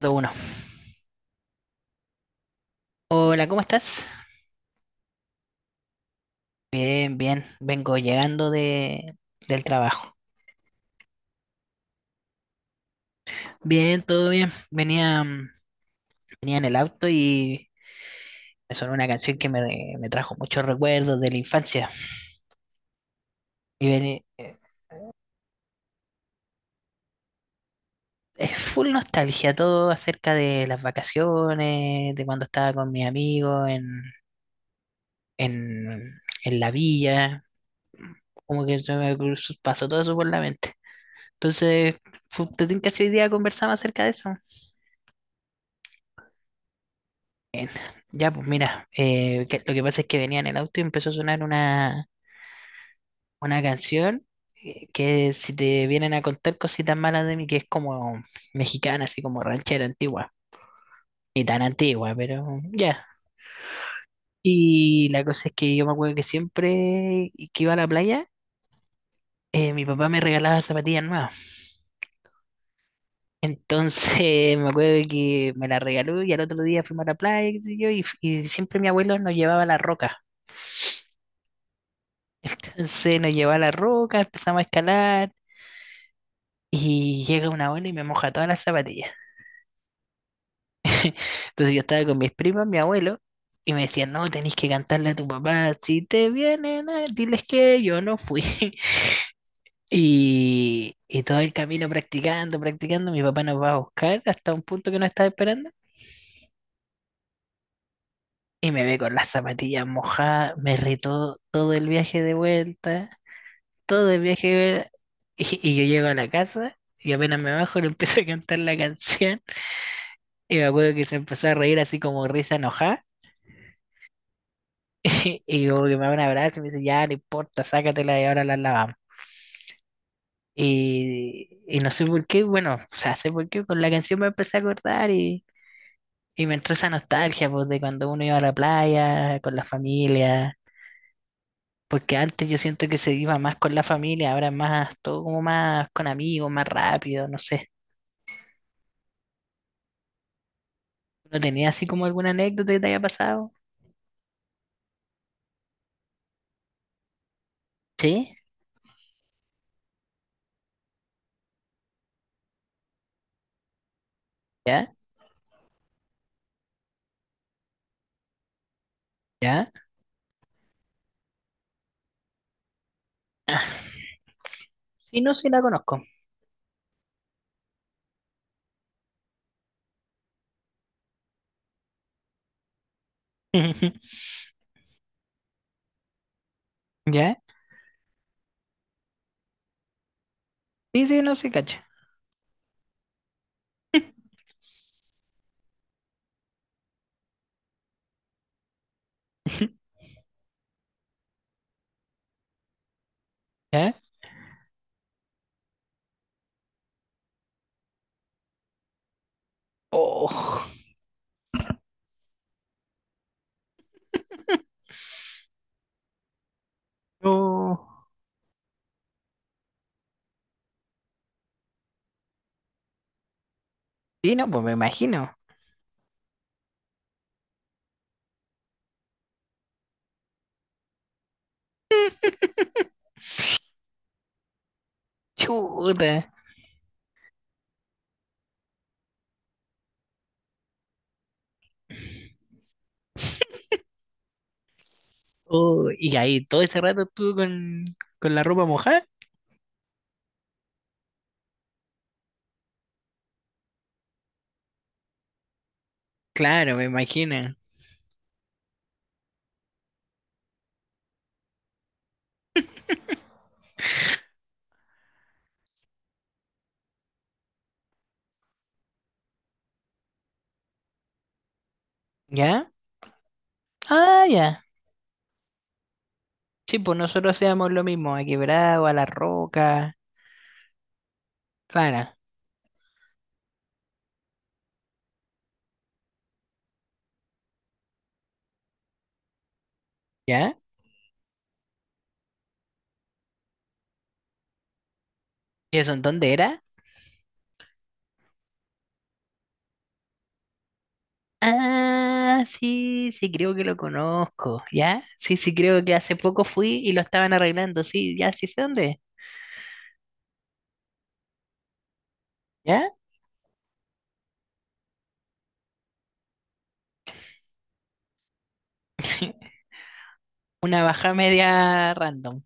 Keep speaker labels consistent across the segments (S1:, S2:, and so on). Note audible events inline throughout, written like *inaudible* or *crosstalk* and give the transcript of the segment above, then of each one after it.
S1: Uno. Hola, ¿cómo estás? Bien, bien. Vengo llegando del trabajo. Bien, todo bien. Venía en el auto y me sonó una canción que me trajo muchos recuerdos de la infancia. Y veni- eh, es full nostalgia, todo acerca de las vacaciones, de cuando estaba con mis amigos en, en la villa. Como que se me cruzó- Pasó todo eso por la mente. Entonces, ¿te tinca si hoy día conversamos acerca de eso? Ya, pues mira, lo que pasa es que venía en el auto y empezó a sonar una canción, que si te vienen a contar cositas malas de mí, que es como mexicana, así como ranchera antigua, ni tan antigua, pero ya. Y la cosa es que yo me acuerdo que siempre que iba a la playa, mi papá me regalaba zapatillas nuevas. Entonces *laughs* me acuerdo que me las regaló y al otro día fuimos a la playa, qué sé yo, y siempre mi abuelo nos llevaba a la roca. Entonces nos llevaba a la roca, empezamos a escalar. Y llega una abuela y me moja todas las zapatillas. Entonces yo estaba con mis primas, mi abuelo, y me decían, no, tenés que cantarle a tu papá, si te vienen, diles que yo no fui. *laughs* Y, y todo el camino practicando, practicando, mi papá nos va a buscar hasta un punto que no estaba esperando. Y me ve con las zapatillas mojadas, me retó todo el viaje de vuelta, todo el viaje de vuelta. Y yo llego a la casa y apenas me bajo le empiezo a cantar la canción. Y me acuerdo que se empezó a reír así como risa enojada. *laughs* Y como que me da un abrazo y me dice, ya, no importa, sácatela y ahora la lavamos. Y no sé por qué, bueno, o sea, sé por qué, con la canción me empecé a acordar y me entró esa nostalgia, pues, de cuando uno iba a la playa, con la familia, porque antes yo siento que se iba más con la familia, ahora es más, todo como más con amigos, más rápido, no sé. ¿No tenía así como alguna anécdota que te haya pasado? Sí, ya, ya. Ah, sí, no, sí la conozco. *laughs* ¿Ya? Sí, sí, no, sí, cacho. *laughs* ¿Ya? Oh. No. Sí, no, pues me imagino. Chuta. Oh, y ahí todo ese rato estuvo con la ropa mojada. Claro, me imagino. ¿Ya? Ah, ya. Sí, pues nosotros hacíamos lo mismo, a Quebrado, a La Roca. Claro. ¿Ya? ¿Y eso en dónde era? Ah, sí, sí, creo que lo conozco. ¿Ya? Sí, sí, creo que hace poco fui y lo estaban arreglando. Sí, ya, sí sé dónde es. ¿Ya? *laughs* Una baja media random.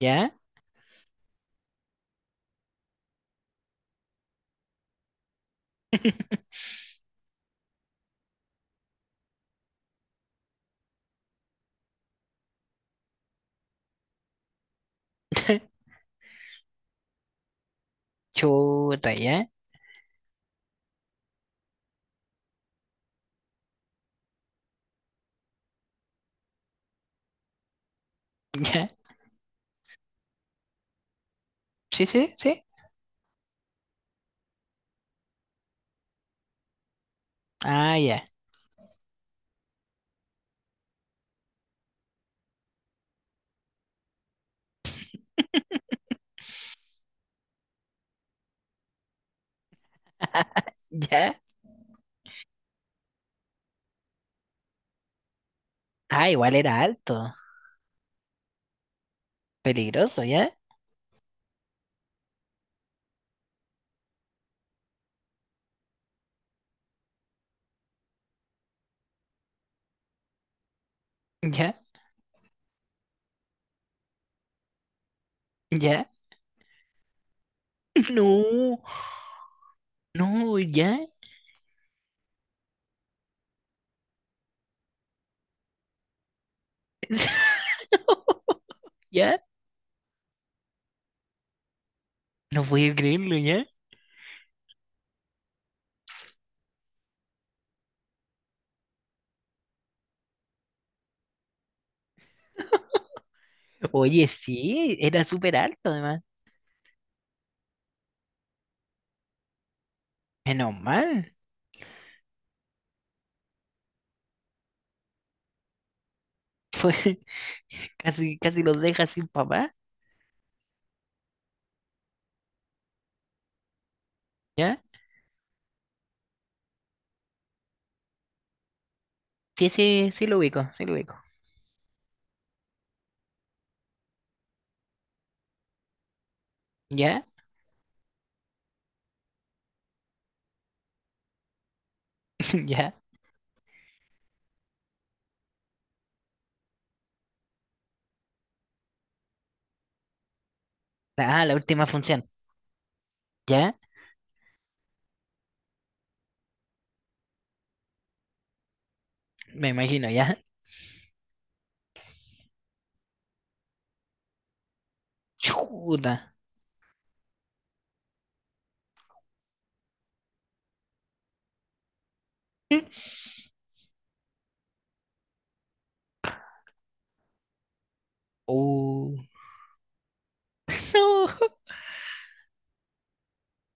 S1: ¿Ya? *laughs* Chuta, ¿ya? *laughs* ¿Ya? Sí, sí, sí. Ah, ya. *laughs* ¿Ya? Ah, igual era alto. Peligroso, ¿ya? ¿Ya? ¿Ya? *laughs* No, no, ¿ya? *laughs* ¿Ya? No voy a creerlo, ¿ya? Oye, sí, era súper alto además. Menos mal. Fue, *laughs* casi, casi los deja sin papá, ¿ya? Sí, sí, sí lo ubico, sí lo ubico. ¿Ya? *laughs* ¿Ya? Ah, la última función. ¿Ya? Me imagino, ¿ya? Chuta. *laughs* Oh. No.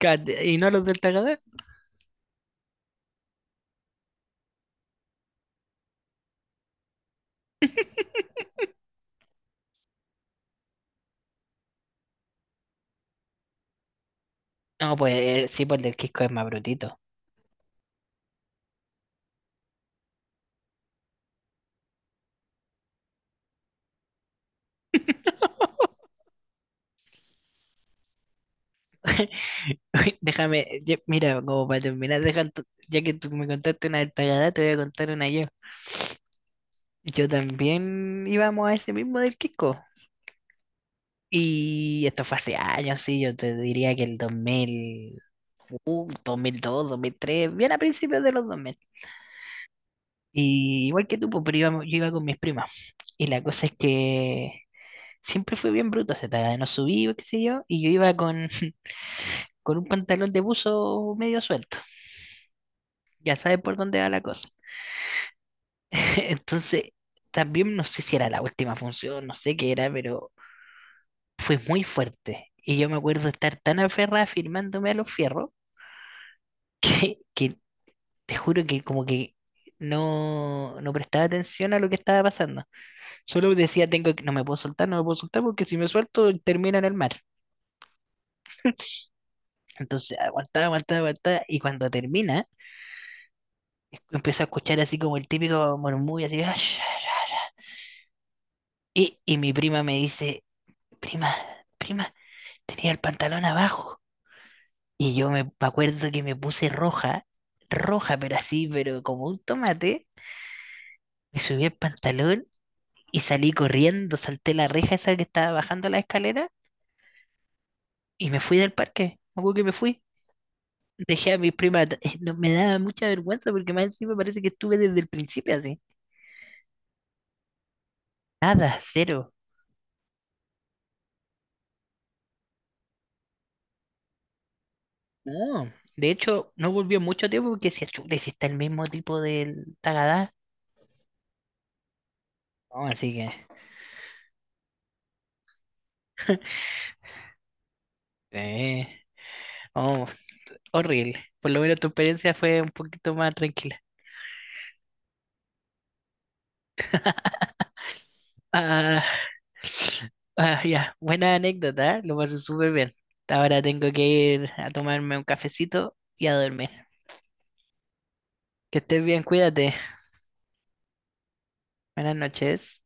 S1: ¿Y no los del Tagadá? *laughs* No, pues sí, pues el del Quisco es más brutito. *laughs* Déjame, mira, como para terminar, ya que tú me contaste una del Tagadá, te voy a contar una yo. Yo también íbamos a ese mismo del Quisco. Y esto fue hace años, sí, yo te diría que el 2000, 2002, 2003, bien a principios de los 2000. Y igual que tú, pues, pero yo iba con mis primas. Y la cosa es que siempre fue bien bruto ese Tagadá, no subí, qué sé yo, y yo iba con un pantalón de buzo medio suelto. Ya sabes por dónde va la cosa. *laughs* Entonces, también no sé si era la última función, no sé qué era, pero fue muy fuerte. Y yo me acuerdo estar tan aferrada firmándome a los fierros que te juro que como que no, no prestaba atención a lo que estaba pasando. Solo decía, tengo que, no me puedo soltar, no me puedo soltar porque si me suelto termina en el mar. Entonces aguantaba, aguantaba, aguantaba y cuando termina, empiezo a escuchar así como el típico murmullo así, "Ash, ash, ash". Y mi prima me dice, prima, prima, tenía el pantalón abajo. Y yo me acuerdo que me puse roja, roja, pero así, pero como un tomate. Me subí el pantalón y salí corriendo, salté la reja esa que estaba bajando la escalera y me fui del parque. Me acuerdo que me fui. Dejé a mis primas, *laughs* no, me daba mucha vergüenza porque más encima parece que estuve desde el principio así. Nada, cero. No. De hecho, no volvió mucho tiempo porque si, chuta, y si está el mismo tipo del Tagadá. No, así que. Eh, oh, horrible. Por lo menos tu experiencia fue un poquito más tranquila. Ah, *sighs* ah, ya, buena anécdota, ¿eh? Lo pasé súper bien. Ahora tengo que ir a tomarme un cafecito y a dormir. Que estés bien, cuídate. Buenas noches.